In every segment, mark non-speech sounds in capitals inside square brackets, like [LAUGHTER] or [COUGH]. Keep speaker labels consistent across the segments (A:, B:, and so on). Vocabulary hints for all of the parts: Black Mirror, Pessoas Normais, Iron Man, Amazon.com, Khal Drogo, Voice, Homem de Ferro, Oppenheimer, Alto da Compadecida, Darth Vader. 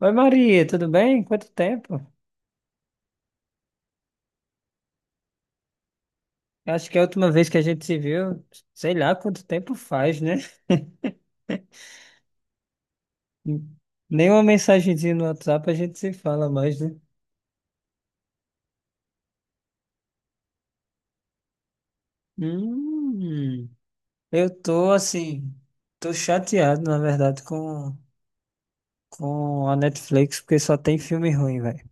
A: Oi Maria, tudo bem? Quanto tempo? Acho que é a última vez que a gente se viu, sei lá quanto tempo faz, né? [LAUGHS] Nenhuma mensagenzinha no WhatsApp a gente se fala mais, né? Hum, eu tô assim, tô chateado, na verdade, com a Netflix, porque só tem filme ruim, velho.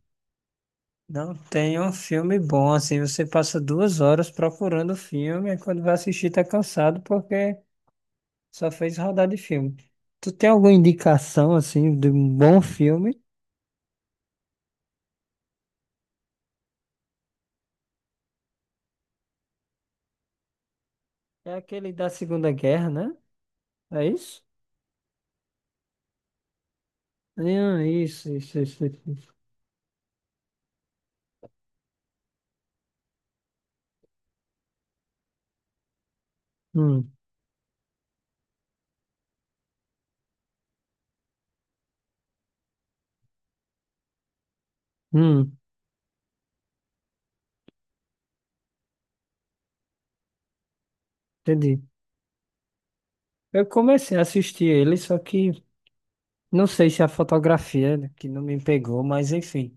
A: Não tem um filme bom, assim, você passa 2 horas procurando o filme, e quando vai assistir tá cansado porque só fez rodar de filme. Tu tem alguma indicação, assim, de um bom filme? É aquele da Segunda Guerra, né? É isso? Ah, isso, isso, isso, isso, isso. Hum, hum, entendi. Eu comecei a assistir ele, só que não sei se é a fotografia né, que não me pegou, mas enfim.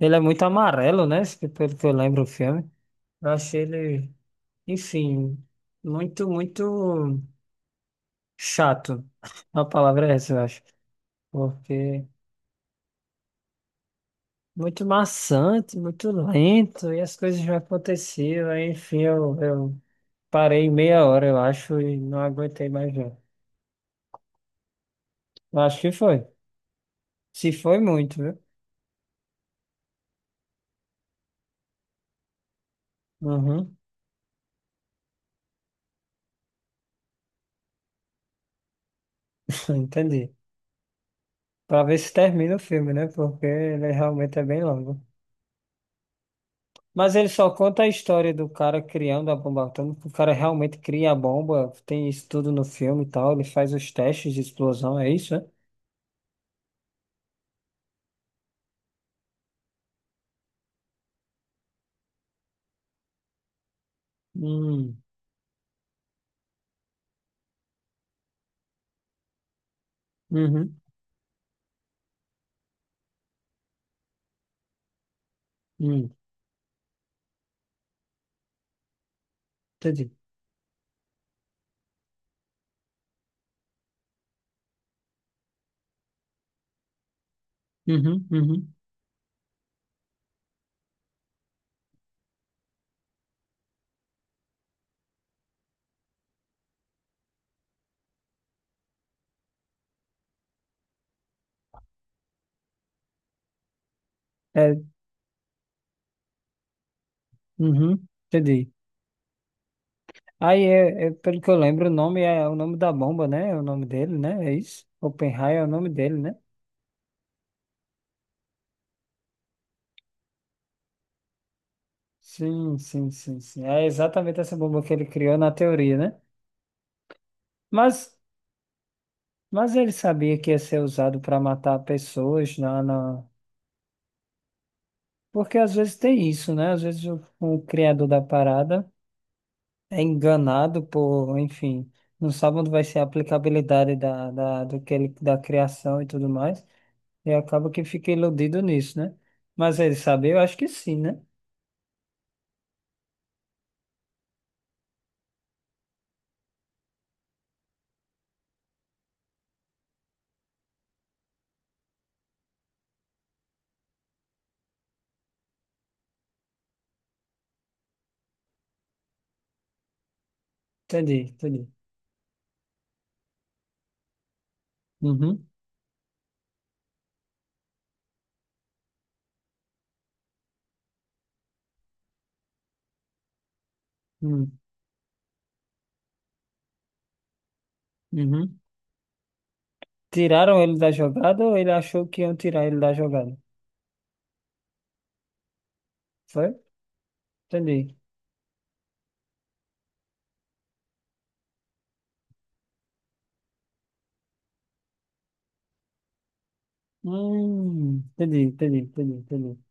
A: Ele é muito amarelo, né? Pelo que eu lembro o filme. Eu achei ele, enfim, muito, muito chato. [LAUGHS] A palavra é essa, eu acho. Porque muito maçante, muito lento, e as coisas já aconteciam, aí, enfim, eu parei meia hora, eu acho, e não aguentei mais não. Eu acho que foi. Se foi muito, viu? Uhum, [LAUGHS] entendi. Pra ver se termina o filme, né? Porque ele realmente é bem longo. Mas ele só conta a história do cara criando a bomba atômica. O cara realmente cria a bomba, tem isso tudo no filme e tal. Ele faz os testes de explosão, é isso, né? Hum. Uhum. Hum. Entendi. Uhum, uhum. É, uhum, entendi. Aí, pelo que eu lembro, o nome é o nome da bomba, né? É o nome dele, né? É isso? Oppenheimer é o nome dele, né? Sim, sim, sim, sim. É exatamente essa bomba que ele criou na teoria, né? Mas, mas ele sabia que ia ser usado para matar pessoas na, na... Porque às vezes tem isso, né? Às vezes o criador da parada é enganado por, enfim, não sabe onde vai ser a aplicabilidade da, da, do que ele, da criação e tudo mais. E acaba que fica iludido nisso, né? Mas ele sabe, eu acho que sim, né? Entendi, entendi. Uhum, uhum, uhum. Tiraram ele da jogada ou ele achou que iam tirar ele da jogada? Foi? Entendi. Entendi, entendi, entendi, entendi.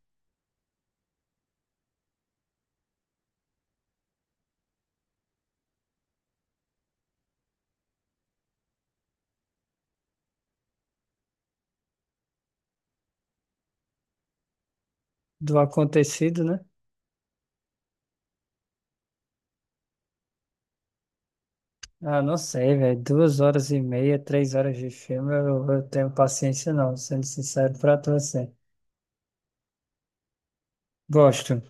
A: Do acontecido, né? Ah, não sei, velho. 2 horas e meia, 3 horas de filme, eu tenho paciência não, sendo sincero pra tu, assim. Gosto.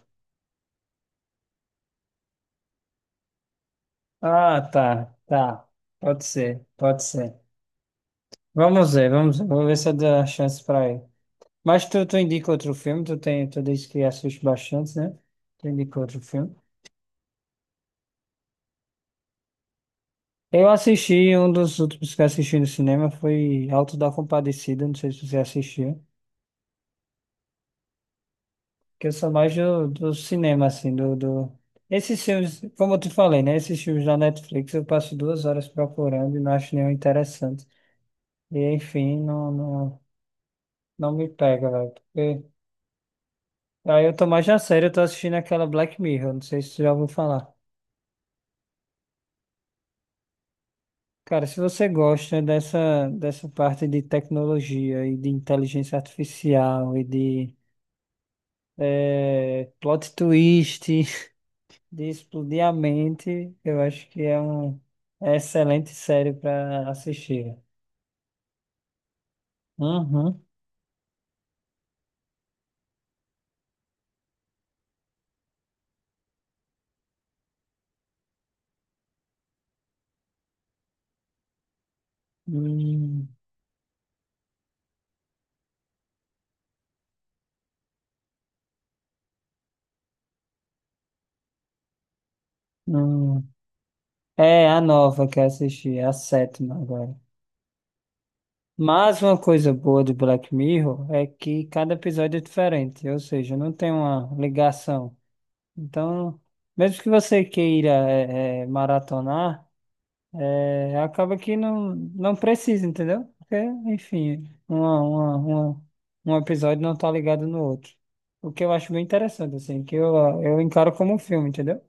A: Ah, tá, tá. Pode ser, pode ser. Vamos ver, vamos ver. Vou ver se eu dou a chance pra ele. Mas tu indica outro filme, tu disse que assiste bastante, né? Tu indica outro filme. Um dos últimos que eu assisti no cinema foi Alto da Compadecida, não sei se você assistiu. Que eu sou mais do, do cinema, assim, do, do... Esses filmes, como eu te falei, né? Esses filmes da Netflix eu passo 2 horas procurando e não acho nenhum interessante. E, enfim, não, não, não me pega, velho. Porque... Aí eu tô mais a sério, eu tô assistindo aquela Black Mirror, não sei se você já ouviu falar. Cara, se você gosta dessa, dessa parte de tecnologia e de inteligência artificial e de plot twist, [LAUGHS] de explodir a mente, eu acho que é excelente série para assistir. Uhum. Hum, hum. É a nova que eu assisti, é a sétima agora. Mas uma coisa boa do Black Mirror é que cada episódio é diferente, ou seja, não tem uma ligação. Então, mesmo que você queira maratonar, acaba que não, não precisa, entendeu? Porque, enfim, um episódio não tá ligado no outro. O que eu acho bem interessante, assim, que eu encaro como um filme, entendeu?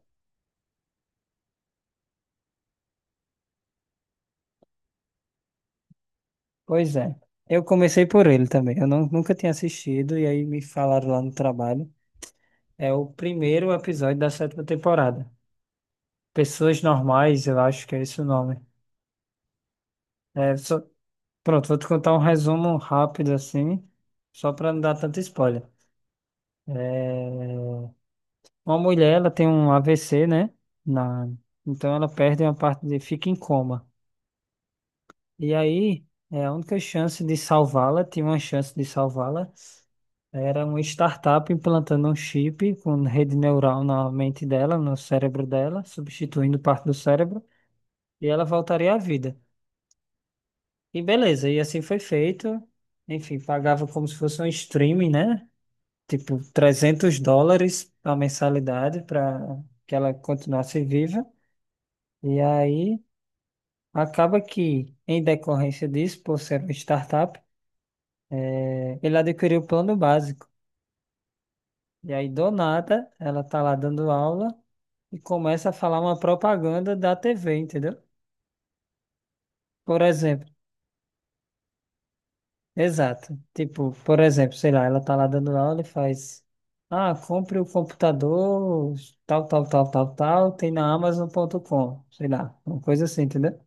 A: Pois é. Eu comecei por ele também. Eu não, nunca tinha assistido, e aí me falaram lá no trabalho. É o primeiro episódio da sétima temporada. Pessoas Normais, eu acho que é esse o nome. é só- Pronto, vou te contar um resumo rápido assim, só para não dar tanto spoiler. É, Uma mulher, ela tem um AVC, né? Na... Então ela perde uma parte de... fica em coma. E aí, a única chance de salvá-la, tinha uma chance de salvá-la, era uma startup implantando um chip com rede neural na mente dela, no cérebro dela, substituindo parte do cérebro, e ela voltaria à vida. E beleza, e assim foi feito. Enfim, pagava como se fosse um streaming, né? Tipo US$ 300 a mensalidade para que ela continuasse viva. E aí acaba que, em decorrência disso, por ser uma startup, ele adquiriu o plano básico. E aí, do nada, ela tá lá dando aula e começa a falar uma propaganda da TV, entendeu? Por exemplo, exato. Tipo, por exemplo, sei lá, ela tá lá dando aula e faz. Ah, compre o computador, tal, tal, tal, tal, tal, tem na Amazon.com, sei lá, uma coisa assim, entendeu?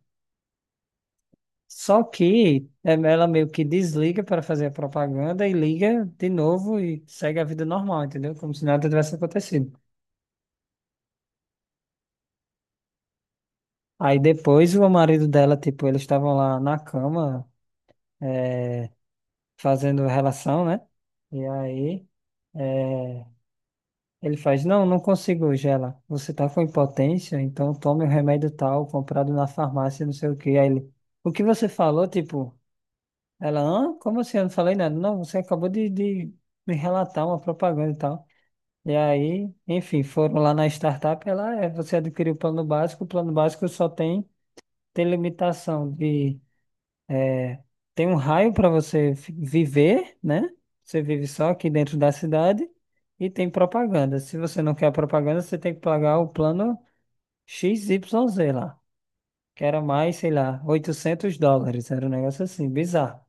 A: Só que ela meio que desliga para fazer a propaganda e liga de novo e segue a vida normal, entendeu? Como se nada tivesse acontecido. Aí depois o marido dela, tipo, eles estavam lá na cama é, fazendo relação, né? E aí é, ele faz, não, não consigo hoje. Ela, você tá com impotência, então tome o remédio tal, comprado na farmácia, não sei o quê. Aí ele, o que você falou, tipo, ela, hã? Como assim? Eu não falei nada. Não, você acabou de me relatar uma propaganda e tal. E aí, enfim, foram lá na startup, ela você adquiriu o plano básico só tem limitação de é, tem um raio para você viver, né? Você vive só aqui dentro da cidade e tem propaganda. Se você não quer a propaganda, você tem que pagar o plano XYZ lá, que era mais, sei lá, US$ 800, era um negócio assim, bizarro.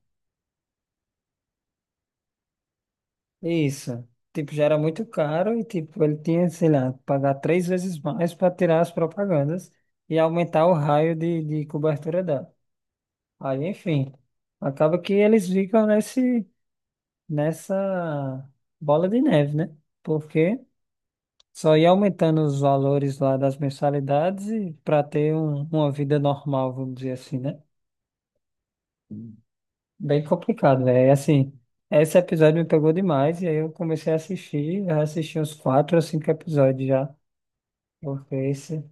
A: Isso. Tipo, já era muito caro e, tipo, ele tinha, sei lá, que pagar três vezes mais para tirar as propagandas e aumentar o raio de cobertura dela. Aí, enfim, acaba que eles ficam nessa bola de neve, né? Porque só ia aumentando os valores lá das mensalidades e para ter uma vida normal, vamos dizer assim, né? Bem complicado, velho. Assim, esse episódio me pegou demais e aí eu comecei a assistir, já assisti uns quatro ou cinco episódios já. Porque esse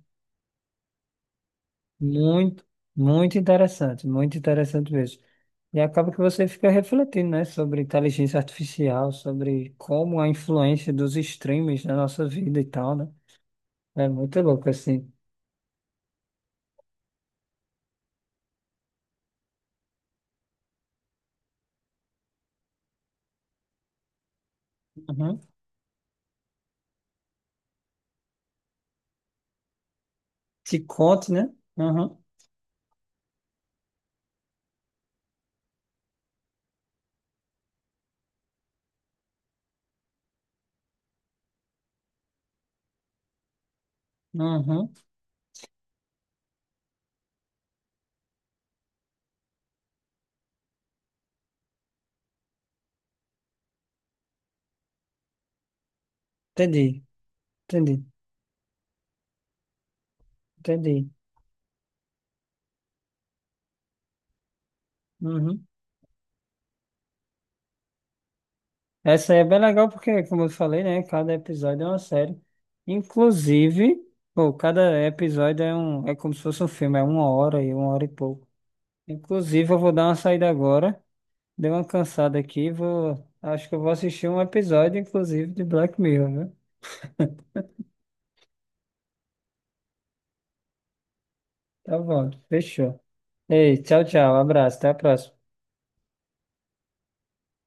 A: muito, muito interessante mesmo. E acaba que você fica refletindo, né, sobre inteligência artificial, sobre como a influência dos streams na nossa vida e tal, né? É muito louco assim. Uhum. Te conte, né? Uhum. Uhum. Entendi, entendi, entendi. Uhum. Essa aí é bem legal porque, como eu falei, né, cada episódio é uma série. Inclusive, pô, cada episódio é como se fosse um filme, é uma hora e pouco. Inclusive, eu vou dar uma saída agora. Dei uma cansada aqui. Vou... Acho que eu vou assistir um episódio, inclusive, de Black Mirror, né? Tá bom, fechou. Ei, tchau, tchau. Abraço, até a próxima.